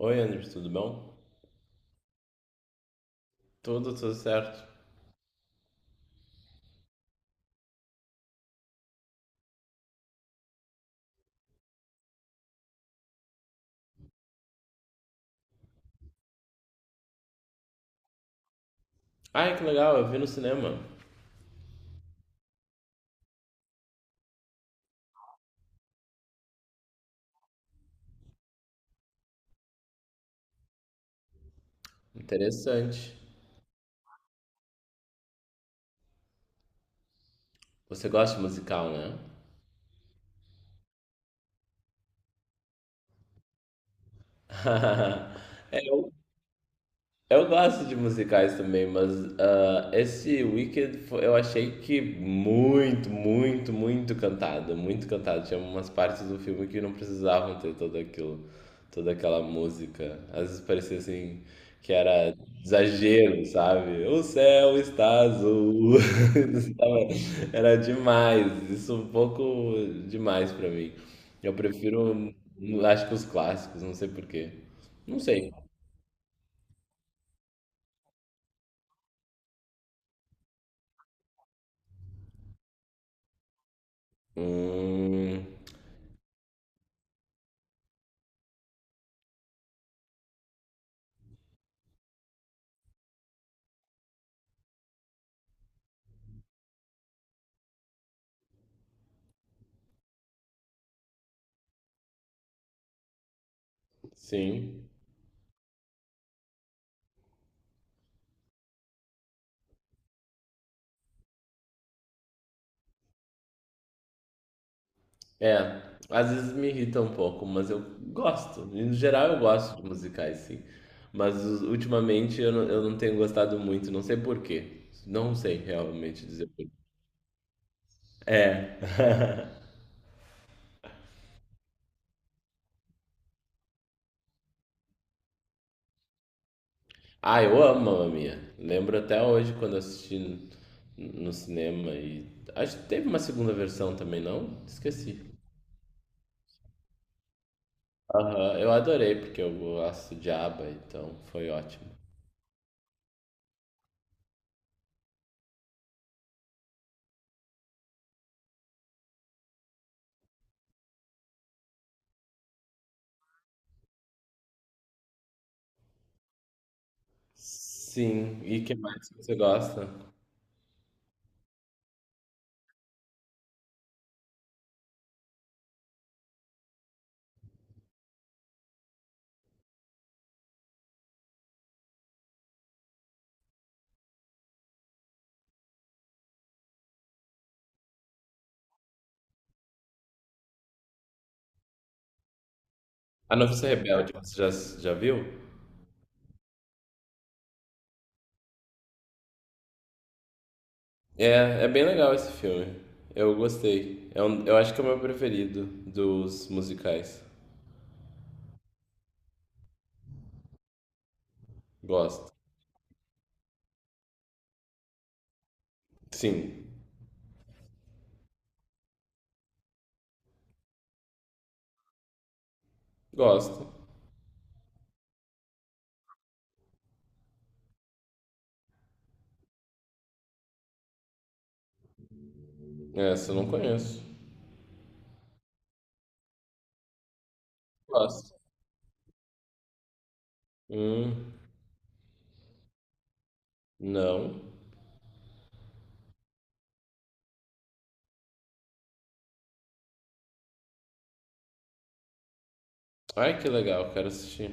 Oi, Anderson, tudo bom? Tudo certo. Ai, que legal, eu vi no cinema. Interessante. Você gosta de musical, né? É, eu gosto de musicais também, mas ah, eu achei que muito, muito, muito cantado, muito cantado. Tinha umas partes do filme que não precisavam ter todo aquilo, toda aquela música. Às vezes parecia assim que era exagero, sabe? O céu está azul. Isso Tava- Era demais, isso um pouco demais pra mim. Eu prefiro, acho que os clássicos, não sei por quê. Não sei. Hum. Sim. É, às vezes me irrita um pouco, mas eu gosto. No geral, eu gosto de musicais, sim. Mas ultimamente eu não tenho gostado muito, não sei por quê. Não sei realmente dizer por quê. É. Ah, eu amo Mamma Mia. Lembro até hoje quando assisti no cinema e acho que teve uma segunda versão também, não? Esqueci. Aham, eu adorei porque eu gosto de ABBA, então foi ótimo. Sim, e que mais que você gosta? A Noviça Rebelde, já viu? É, é bem legal esse filme. Eu gostei. É um, eu acho que é o meu preferido dos musicais. Gosto. Sim, gosto. É, essa eu não conheço. Gosto. Hum, não. Ai, que legal, quero assistir.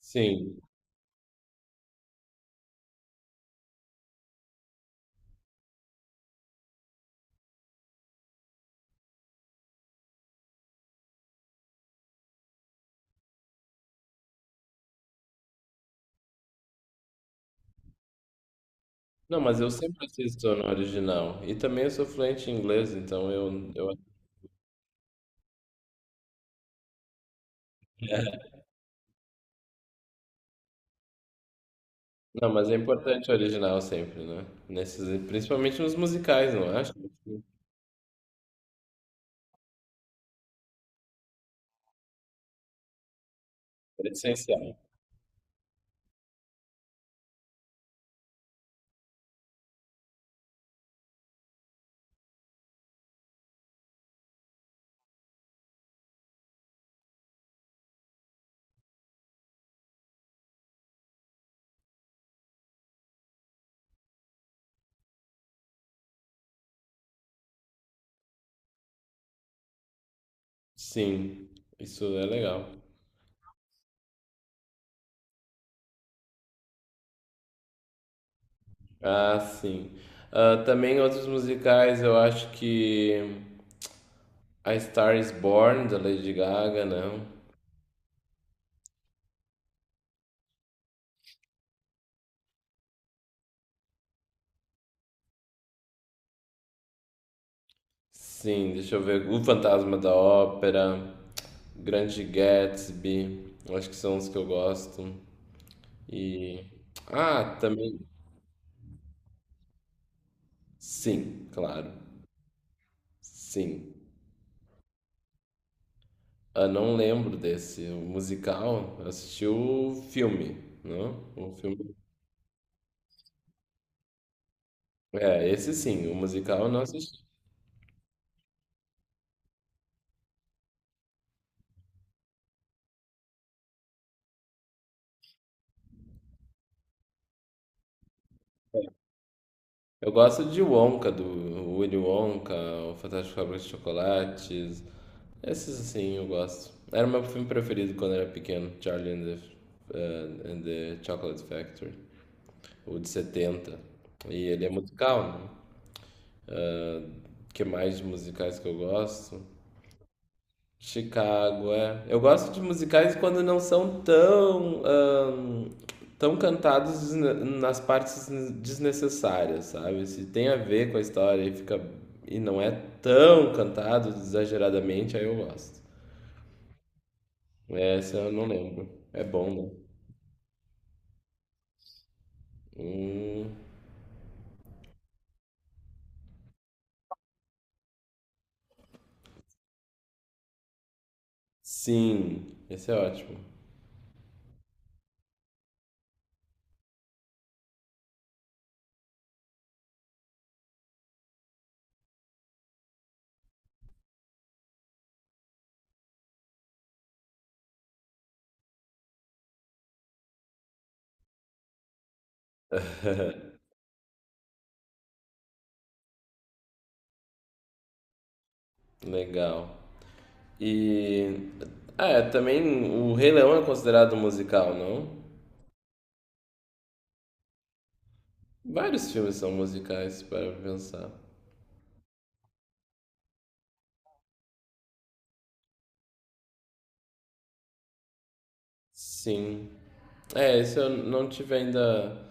Sim. Não, mas eu sempre assisto no original. E também eu sou fluente em inglês, então eu... Não, mas é importante o original sempre, né? Nesses, principalmente nos musicais, não acho? É essencial. Sim, isso é legal. Ah, sim. Ah, também outros musicais, eu acho que A Star is Born, da Lady Gaga, né? Sim, deixa eu ver. O Fantasma da Ópera, Grande Gatsby, eu acho que são os que eu gosto. E. Ah, também. Sim, claro. Sim. Eu não lembro desse. O musical, eu assisti o filme, não? O filme. É, esse sim, o musical eu não assisti. Eu gosto de Wonka, do Willy Wonka, o Fantástico Fábrica de Chocolates. Esses assim eu gosto. Era o meu filme preferido quando era pequeno, Charlie and the Chocolate Factory, o de 70. E ele é musical, né? O que mais de musicais que eu gosto? Chicago, é. Eu gosto de musicais quando não são tão, tão cantados nas partes desnecessárias, sabe? Se tem a ver com a história e fica e não é tão cantado exageradamente, aí eu gosto. Essa eu não lembro. É bom, né? Hum, sim, esse é ótimo. Legal. E ah, é, também o Rei Leão é considerado um musical, não? Vários filmes são musicais para pensar. Sim. É, esse eu não tive ainda.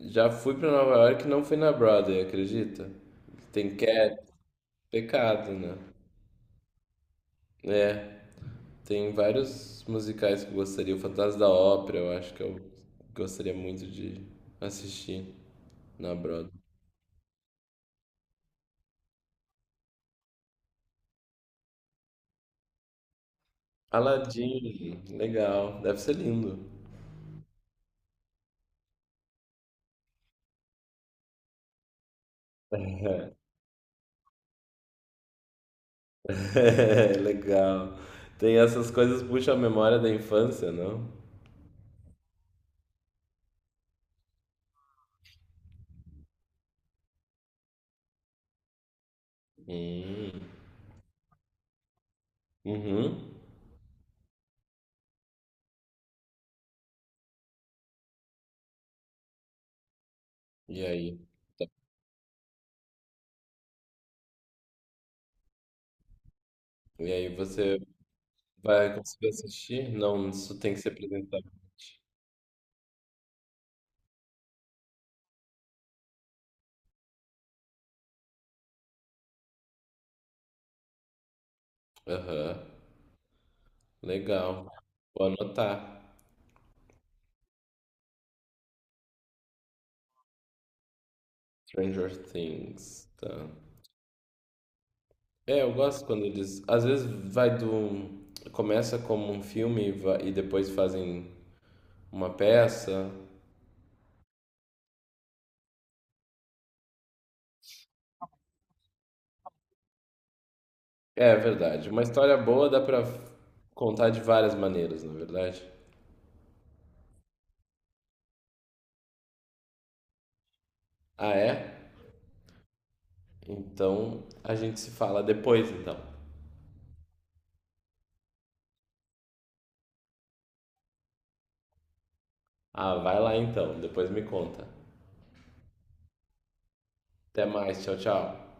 Já fui pra Nova York e não fui na Broadway, acredita? Tem Cat, pecado, né? É, tem vários musicais que eu gostaria. O Fantasma da Ópera, eu acho que eu gostaria muito de assistir na Broadway. Aladdin, legal, deve ser lindo. É, legal. Tem essas coisas que puxam a memória da infância, não? Hum. Uhum. E aí? E aí você vai conseguir assistir? Não, isso tem que ser presencialmente. Aham, legal. Vou anotar. Stranger Things, tá. É, eu gosto quando eles... Às vezes vai do... Começa como um filme e depois fazem uma peça. É, é verdade. Uma história boa dá pra contar de várias maneiras, na verdade. Ah, é? Então a gente se fala depois, então. Ah, vai lá então. Depois me conta. Até mais. Tchau, tchau.